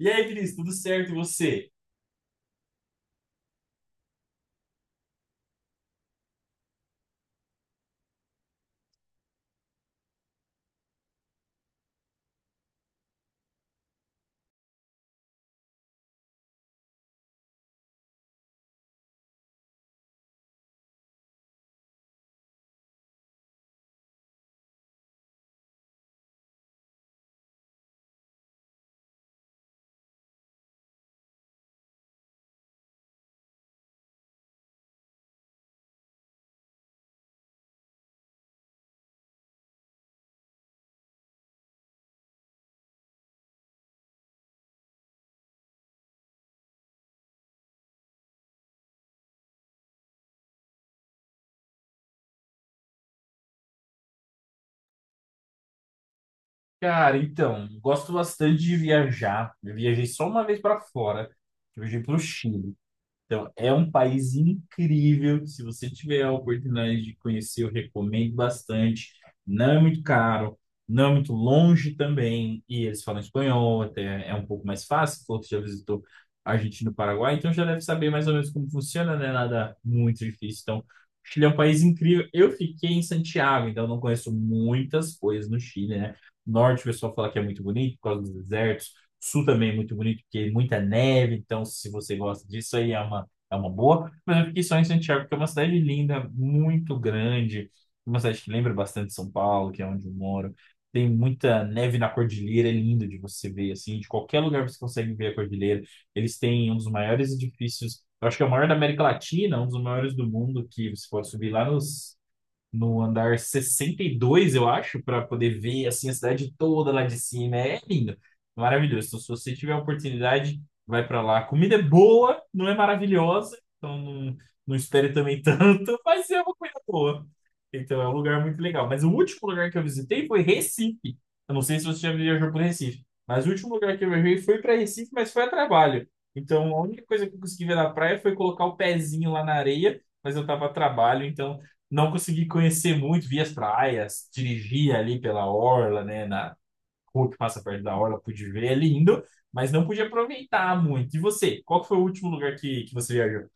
E aí, Vinícius, tudo certo? E você? Cara, então, gosto bastante de viajar. Eu viajei só uma vez para fora. Eu viajei para o Chile. Então, é um país incrível. Se você tiver a oportunidade de conhecer, eu recomendo bastante. Não é muito caro, não é muito longe também. E eles falam espanhol, até é um pouco mais fácil. Falou que já visitou a Argentina e o Paraguai, então já deve saber mais ou menos como funciona, né? Nada muito difícil. Então, o Chile é um país incrível. Eu fiquei em Santiago, então não conheço muitas coisas no Chile, né? Norte, o pessoal fala que é muito bonito por causa dos desertos. Sul também é muito bonito, porque muita neve, então se você gosta disso aí é uma boa, mas eu fiquei só em Santiago, que é uma cidade linda, muito grande, uma cidade que lembra bastante São Paulo, que é onde eu moro. Tem muita neve na cordilheira, é lindo de você ver, assim, de qualquer lugar você consegue ver a cordilheira. Eles têm um dos maiores edifícios, eu acho que é o maior da América Latina, um dos maiores do mundo, que você pode subir lá nos no andar 62 eu acho, para poder ver assim a cidade toda lá de cima. É lindo, maravilhoso. Então, se você tiver a oportunidade, vai para lá. A comida é boa, não é maravilhosa, então não, não espere também tanto, mas é uma coisa boa. Então é um lugar muito legal. Mas o último lugar que eu visitei foi Recife. Eu não sei se você já viajou por Recife, mas o último lugar que eu viajei foi para Recife, mas foi a trabalho. Então, a única coisa que eu consegui ver na praia foi colocar o pezinho lá na areia, mas eu tava a trabalho, então não consegui conhecer muito, vi as praias, dirigi ali pela orla, né, na rua que passa perto da orla, pude ver, é lindo, mas não pude aproveitar muito. E você, qual que foi o último lugar que você viajou?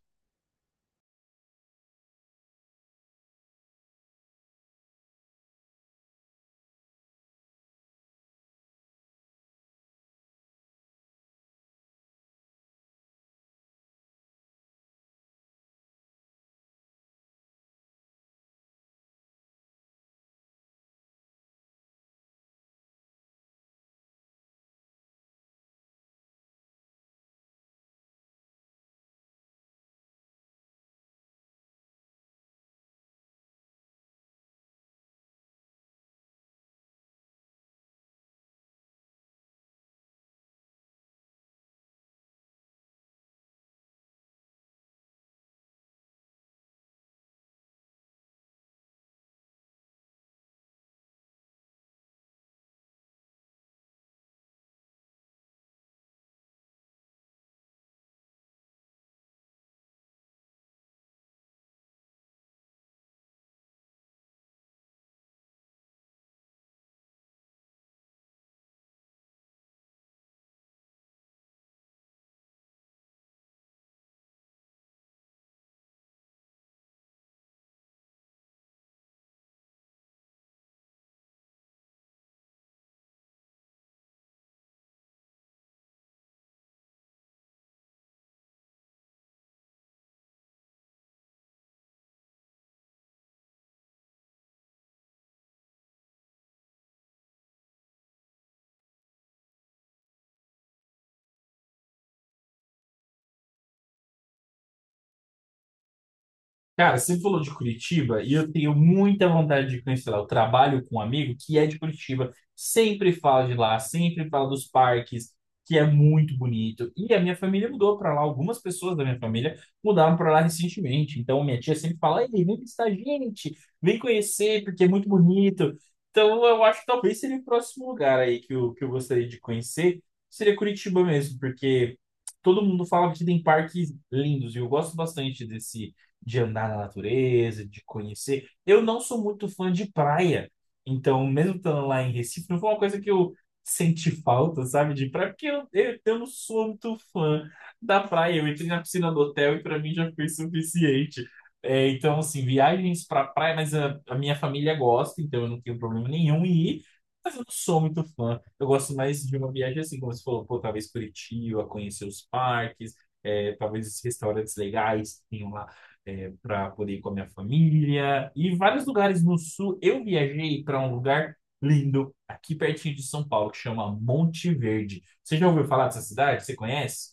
Cara, você falou de Curitiba e eu tenho muita vontade de conhecer lá. Eu trabalho com um amigo que é de Curitiba, sempre fala de lá, sempre fala dos parques, que é muito bonito. E a minha família mudou para lá, algumas pessoas da minha família mudaram para lá recentemente. Então minha tia sempre fala: Ei, vem visitar a gente, vem conhecer, porque é muito bonito. Então eu acho que talvez seria o próximo lugar aí que eu gostaria de conhecer, seria Curitiba mesmo, porque todo mundo fala que tem parques lindos e eu gosto bastante desse de andar na natureza, de conhecer. Eu não sou muito fã de praia, então, mesmo estando lá em Recife, não foi uma coisa que eu senti falta, sabe, de praia, porque eu não sou muito fã da praia. Eu entrei na piscina do hotel e para mim já foi suficiente. É, então, assim, viagens para praia, mas a minha família gosta, então eu não tenho problema nenhum em ir. Mas eu não sou muito fã. Eu gosto mais de uma viagem assim, como você falou, pô, talvez Curitiba, conhecer os parques, é, talvez os restaurantes legais que tenham lá é, para poder ir com a minha família e vários lugares no sul. Eu viajei para um lugar lindo aqui pertinho de São Paulo que chama Monte Verde. Você já ouviu falar dessa cidade? Você conhece?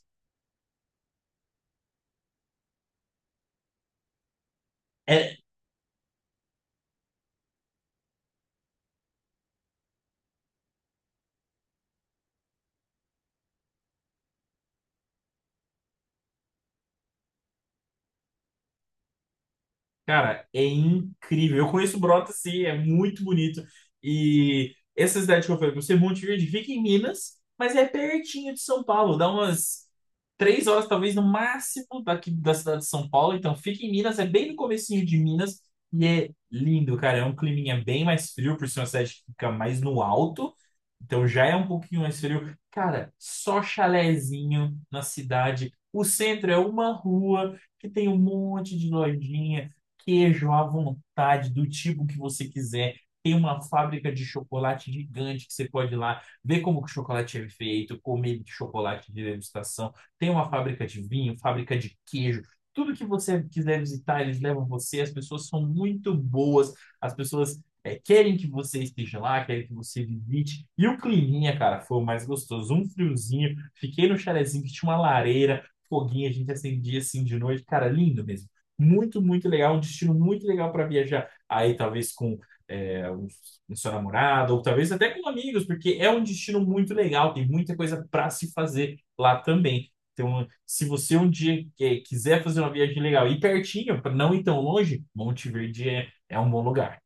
É, Cara, é incrível. Eu conheço Brota, sim, é muito bonito. E essa cidade que eu falei pra você, Monte Verde, fica em Minas, mas é pertinho de São Paulo. Dá umas 3 horas, talvez, no máximo daqui da cidade de São Paulo. Então, fica em Minas, é bem no comecinho de Minas. E é lindo, cara. É um climinha bem mais frio, por ser uma cidade que fica mais no alto. Então, já é um pouquinho mais frio. Cara, só chalezinho na cidade. O centro é uma rua que tem um monte de lojinha queijo à vontade, do tipo que você quiser. Tem uma fábrica de chocolate gigante que você pode ir lá ver como que o chocolate é feito, comer chocolate de degustação. Tem uma fábrica de vinho, fábrica de queijo. Tudo que você quiser visitar, eles levam você. As pessoas são muito boas. As pessoas querem que você esteja lá, querem que você visite. E o climinha, cara, foi o mais gostoso. Um friozinho. Fiquei no chalezinho que tinha uma lareira, foguinho. A gente acendia assim de noite. Cara, lindo mesmo muito, muito legal, um destino muito legal para viajar. Aí, talvez com é, o o seu namorado, ou talvez até com amigos, porque é um destino muito legal, tem muita coisa para se fazer lá também. Então, se você um dia quiser fazer uma viagem legal e pertinho, para não ir tão longe, Monte Verde é um bom lugar.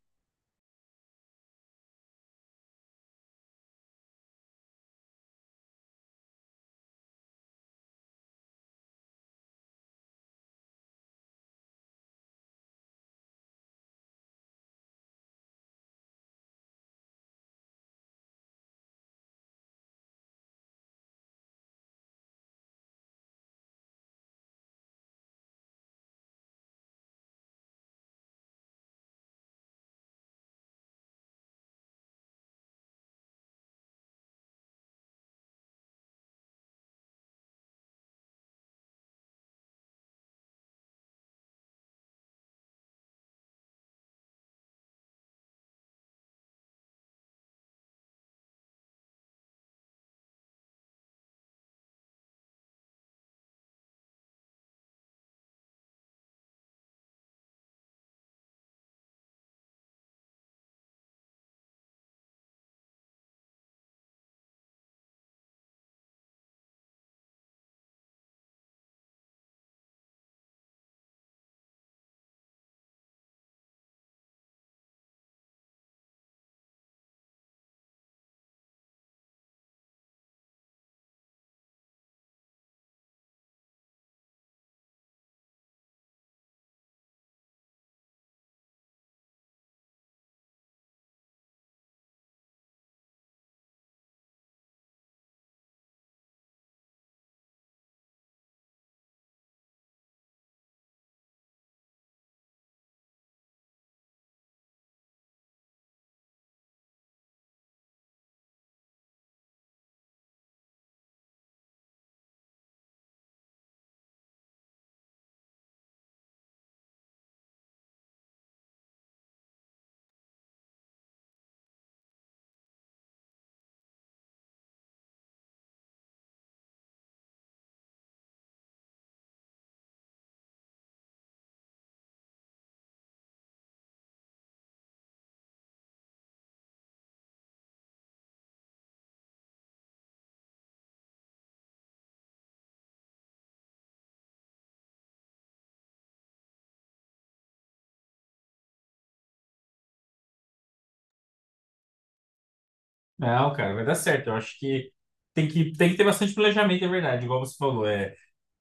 Não, cara, vai dar certo. Eu acho que tem que ter bastante planejamento, é verdade, igual você falou. É,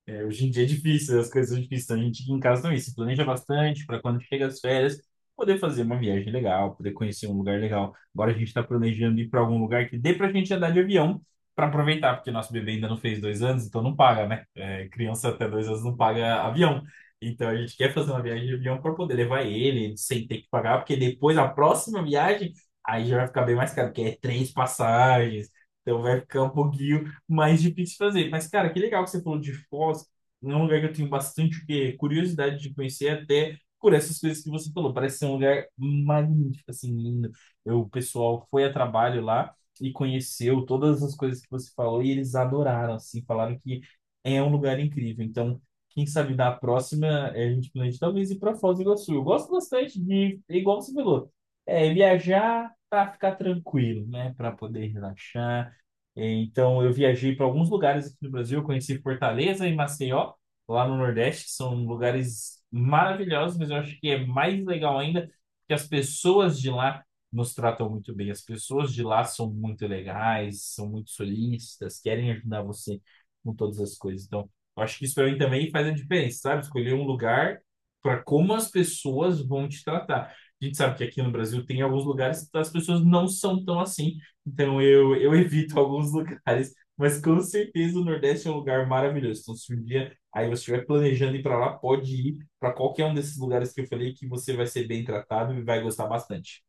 É, Hoje em dia é difícil, as coisas são difíceis. Então a gente aqui em casa também se planeja bastante para quando chega as férias, poder fazer uma viagem legal, poder conhecer um lugar legal. Agora a gente está planejando ir para algum lugar que dê para a gente andar de avião para aproveitar, porque nosso bebê ainda não fez 2 anos, então não paga, né? É, criança até 2 anos não paga avião. Então a gente quer fazer uma viagem de avião para poder levar ele sem ter que pagar, porque depois a próxima viagem aí já vai ficar bem mais caro, porque é três passagens. Então vai ficar um pouquinho mais difícil fazer. Mas, cara, que legal que você falou de Foz. É um lugar que eu tenho bastante o quê? Curiosidade de conhecer, até por essas coisas que você falou. Parece ser um lugar magnífico, assim, lindo. Eu, o pessoal foi a trabalho lá e conheceu todas as coisas que você falou e eles adoraram, assim, falaram que é um lugar incrível. Então, quem sabe da próxima, a gente planeja talvez ir para Foz do Iguaçu. Eu gosto bastante de, igual você falou, viajar para ficar tranquilo, né? Para poder relaxar então, eu viajei para alguns lugares aqui no Brasil, eu conheci Fortaleza e Maceió, lá no Nordeste, que são lugares maravilhosos, mas eu acho que é mais legal ainda que as pessoas de lá nos tratam muito bem. As pessoas de lá são muito legais, são muito solícitas, querem ajudar você com todas as coisas. Então, eu acho que isso para mim também faz a diferença, sabe? Escolher um lugar para como as pessoas vão te tratar. A gente sabe que aqui no Brasil tem alguns lugares que as pessoas não são tão assim. Então eu evito alguns lugares, mas com certeza o Nordeste é um lugar maravilhoso. Então, se um dia aí você estiver planejando ir para lá, pode ir para qualquer um desses lugares que eu falei que você vai ser bem tratado e vai gostar bastante.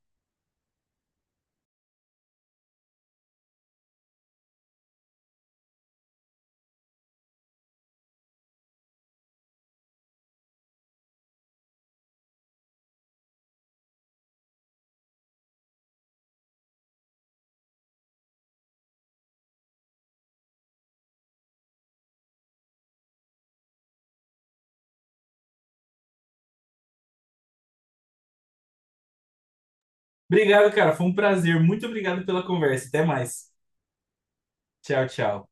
Obrigado, cara. Foi um prazer. Muito obrigado pela conversa. Até mais. Tchau, tchau.